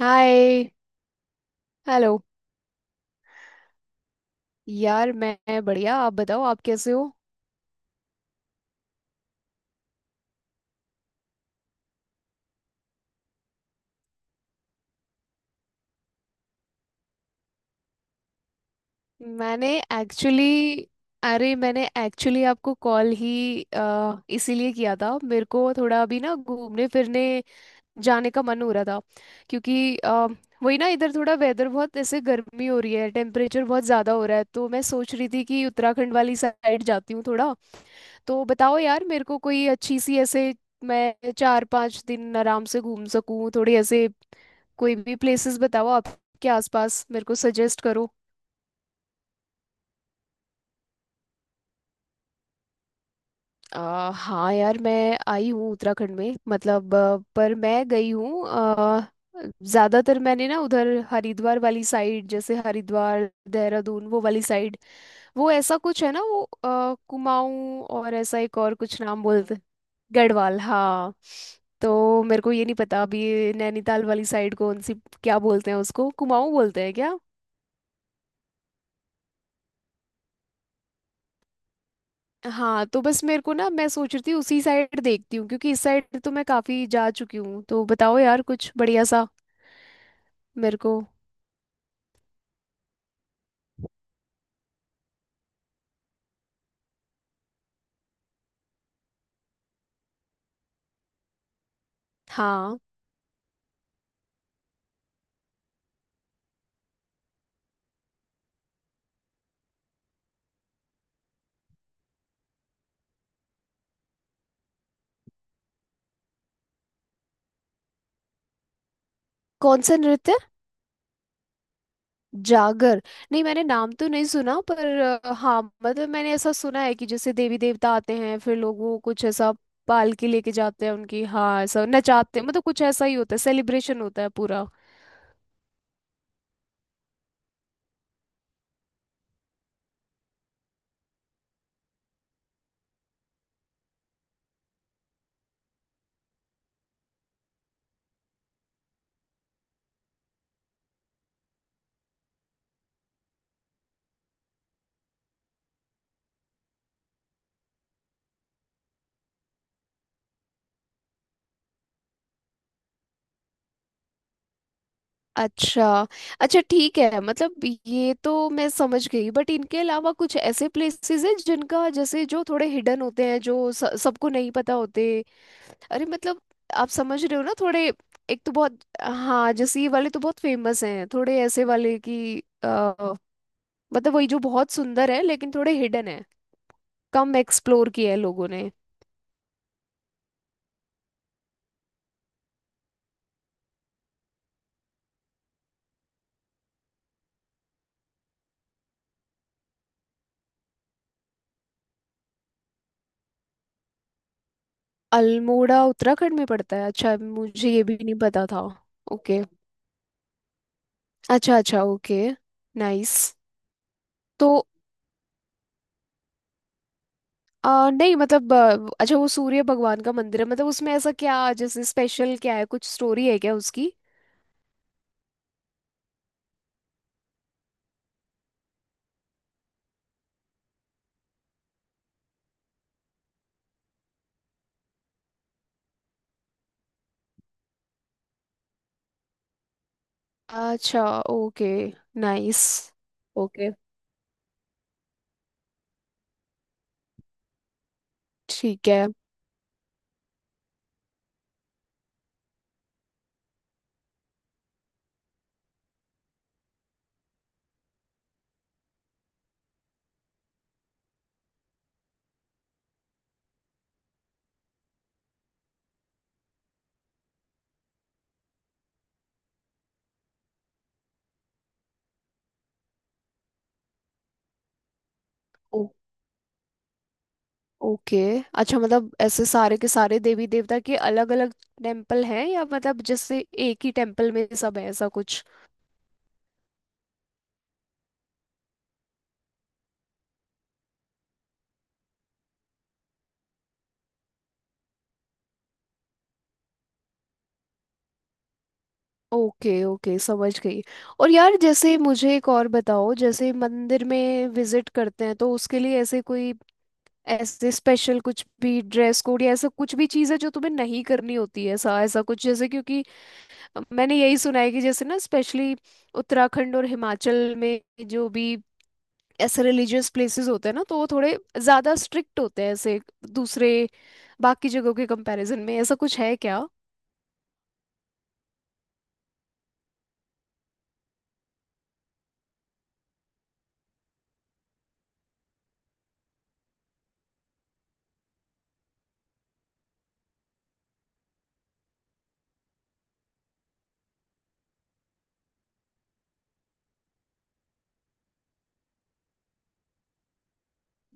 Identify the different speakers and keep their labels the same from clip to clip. Speaker 1: हाय। Hello. यार मैं बढ़िया, आप बताओ, आप कैसे हो? मैंने एक्चुअली अरे, मैंने एक्चुअली आपको कॉल ही इसीलिए किया था। मेरे को थोड़ा अभी ना घूमने फिरने जाने का मन हो रहा था। क्योंकि वही ना, इधर थोड़ा वेदर बहुत ऐसे गर्मी हो रही है, टेम्परेचर बहुत ज़्यादा हो रहा है, तो मैं सोच रही थी कि उत्तराखंड वाली साइड जाती हूँ थोड़ा। तो बताओ यार, मेरे को कोई अच्छी सी ऐसे, मैं 4-5 दिन आराम से घूम सकूं थोड़ी ऐसे, कोई भी प्लेसेस बताओ आपके आसपास, मेरे को सजेस्ट करो। हाँ यार, मैं आई हूँ उत्तराखंड में, मतलब पर मैं गई हूँ ज्यादातर। मैंने ना उधर हरिद्वार वाली साइड, जैसे हरिद्वार, देहरादून, वो वाली साइड। वो ऐसा कुछ है ना, वो कुमाऊँ और ऐसा एक और कुछ नाम बोलते। गढ़वाल, हाँ। तो मेरे को ये नहीं पता अभी, नैनीताल वाली साइड कौन सी? क्या बोलते हैं उसको, कुमाऊँ बोलते हैं क्या? हाँ, तो बस मेरे को ना, मैं सोच रही थी उसी साइड देखती हूँ, क्योंकि इस साइड तो मैं काफी जा चुकी हूँ। तो बताओ यार कुछ बढ़िया सा मेरे को। हाँ। कौन सा नृत्य? जागर? नहीं, मैंने नाम तो नहीं सुना, पर हाँ मतलब मैंने ऐसा सुना है कि जैसे देवी देवता आते हैं, फिर लोग वो कुछ ऐसा पालकी लेके जाते हैं उनकी, हाँ, ऐसा नचाते हैं, मतलब कुछ ऐसा ही होता है, सेलिब्रेशन होता है पूरा। अच्छा। अच्छा, ठीक है, मतलब, ये तो मैं समझ गई, बट इनके अलावा कुछ ऐसे प्लेसेस हैं जिनका जैसे जो थोड़े हिडन होते हैं, जो सबको नहीं पता होते। अरे मतलब, आप समझ रहे हो ना थोड़े, एक तो बहुत, हाँ जैसे ये वाले तो बहुत फेमस हैं, थोड़े ऐसे वाले कि अ, मतलब वही जो बहुत सुंदर है लेकिन थोड़े हिडन है, कम एक्सप्लोर किया है लोगों ने। अल्मोड़ा उत्तराखंड में पड़ता है? अच्छा, मुझे ये भी नहीं पता था। ओके। अच्छा, अच्छा, ओके। नाइस। नहीं मतलब अच्छा, वो सूर्य भगवान का मंदिर है, मतलब उसमें ऐसा क्या, जैसे स्पेशल क्या है, कुछ स्टोरी है क्या उसकी? अच्छा। ओके। नाइस। ओके, ठीक है। ओ, ओके। अच्छा, मतलब ऐसे सारे के सारे देवी देवता के अलग अलग टेम्पल हैं, या मतलब जैसे एक ही टेम्पल में सब है, ऐसा कुछ? ओके, ओके, समझ गई। और यार जैसे मुझे एक और बताओ, जैसे मंदिर में विजिट करते हैं तो उसके लिए ऐसे कोई ऐसे स्पेशल कुछ भी ड्रेस कोड या ऐसा कुछ भी चीज़ है जो तुम्हें नहीं करनी होती है, ऐसा ऐसा कुछ जैसे, क्योंकि मैंने यही सुना है कि जैसे ना स्पेशली उत्तराखंड और हिमाचल में जो भी ऐसे रिलीजियस प्लेसेस होते हैं ना, तो वो थोड़े ज़्यादा स्ट्रिक्ट होते हैं ऐसे, दूसरे बाकी जगहों के कंपैरिजन में, ऐसा कुछ है क्या?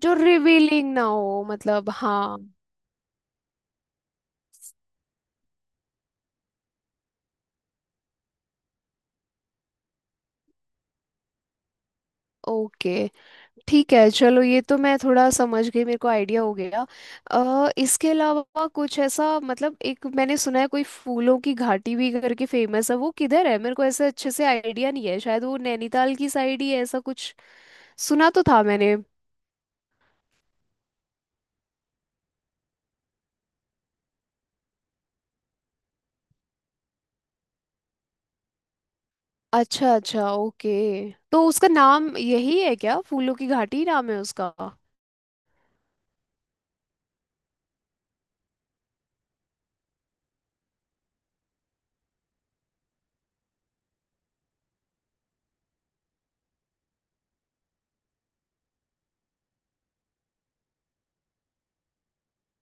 Speaker 1: जो रिवीलिंग ना हो, मतलब, हाँ। ओके, ठीक है, चलो, ये तो मैं थोड़ा समझ गई, मेरे को आइडिया हो गया। इसके अलावा कुछ ऐसा, मतलब एक मैंने सुना है कोई फूलों की घाटी भी करके फेमस है, वो किधर है मेरे को ऐसे अच्छे से आइडिया नहीं है, शायद वो नैनीताल की साइड ही है, ऐसा कुछ सुना तो था मैंने। अच्छा, अच्छा, ओके। तो उसका नाम यही है क्या, फूलों की घाटी ही नाम है उसका?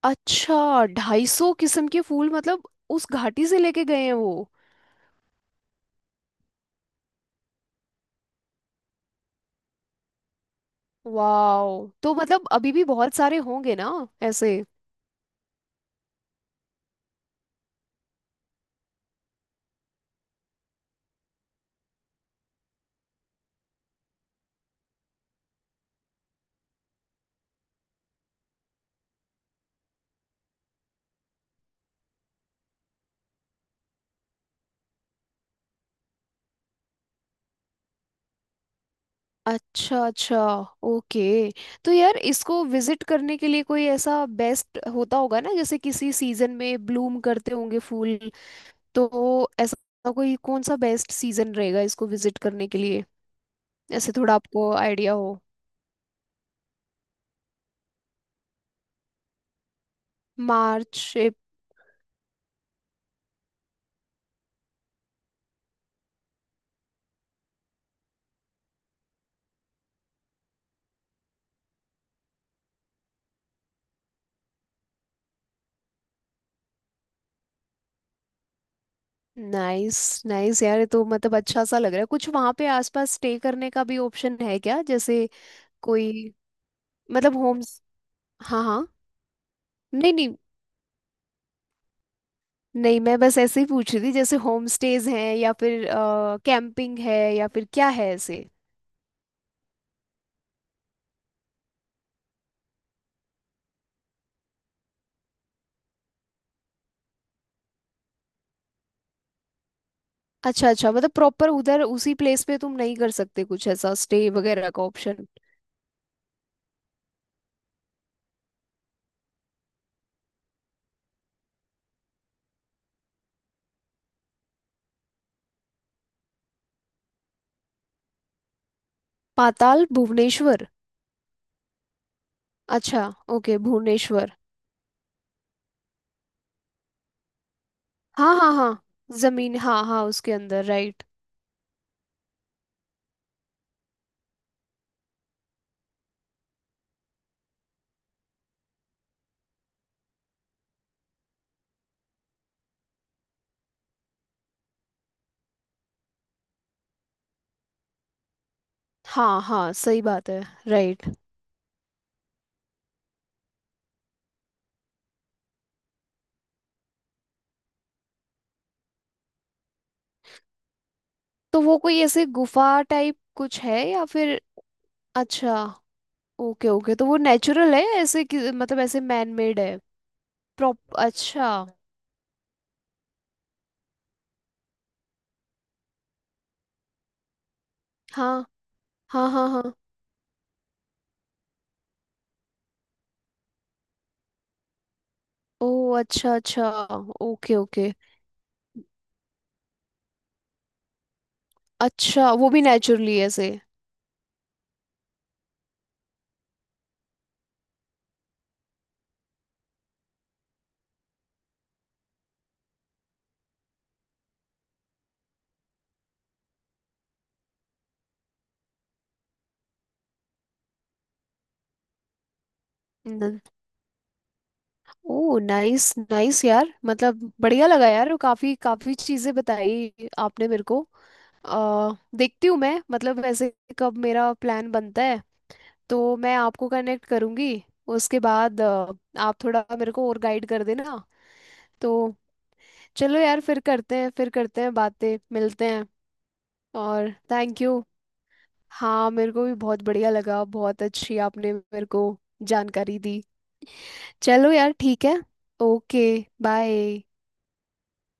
Speaker 1: अच्छा, 250 किस्म के फूल मतलब उस घाटी से लेके गए हैं वो? वाओ, तो मतलब अभी भी बहुत सारे होंगे ना ऐसे? अच्छा, अच्छा, ओके। तो यार इसको विजिट करने के लिए कोई ऐसा बेस्ट होता होगा ना, जैसे किसी सीजन में ब्लूम करते होंगे फूल, तो ऐसा कोई कौन सा बेस्ट सीजन रहेगा इसको विजिट करने के लिए, ऐसे थोड़ा आपको आइडिया हो? मार्च नाइस, नाइस यार, ये तो मतलब अच्छा सा लग रहा है, कुछ वहाँ पे आसपास स्टे करने का भी ऑप्शन है क्या जैसे, कोई, मतलब होम्स, हाँ, हाँ, नहीं, नहीं। नहीं, मैं बस ऐसे ही पूछ रही थी, जैसे होम स्टेज हैं या फिर कैंपिंग है या फिर क्या है ऐसे? अच्छा, अच्छा, मतलब प्रॉपर उधर उसी प्लेस पे तुम नहीं कर सकते कुछ ऐसा स्टे वगैरह का ऑप्शन? पाताल भुवनेश्वर। अच्छा, ओके, भुवनेश्वर। हाँ, हाँ, हाँ, जमीन, हाँ, हाँ, उसके अंदर, राइट। हाँ, हाँ, सही बात है। राइट। तो वो कोई ऐसे गुफा टाइप कुछ है या फिर? अच्छा, ओके, ओके। तो वो नेचुरल है ऐसे कि मतलब ऐसे मैन मेड है? प्रॉप अच्छा। हाँ, हाँ, हाँ, हाँ। ओ, अच्छा, अच्छा। Okay, okay. अच्छा, वो भी नेचुरली ऐसे? न- ओ, नाइस, नाइस यार, मतलब बढ़िया लगा यार, काफी काफी चीजें बताई आपने मेरे को। आ, देखती हूँ मैं, मतलब वैसे कब मेरा प्लान बनता है तो मैं आपको कनेक्ट करूंगी, उसके बाद आप थोड़ा मेरे को और गाइड कर देना, तो चलो यार, फिर करते हैं, फिर करते हैं बातें, मिलते हैं। और थैंक यू। हाँ, मेरे को भी बहुत बढ़िया लगा, बहुत अच्छी आपने मेरे को जानकारी दी। चलो यार, ठीक है। ओके। बाय।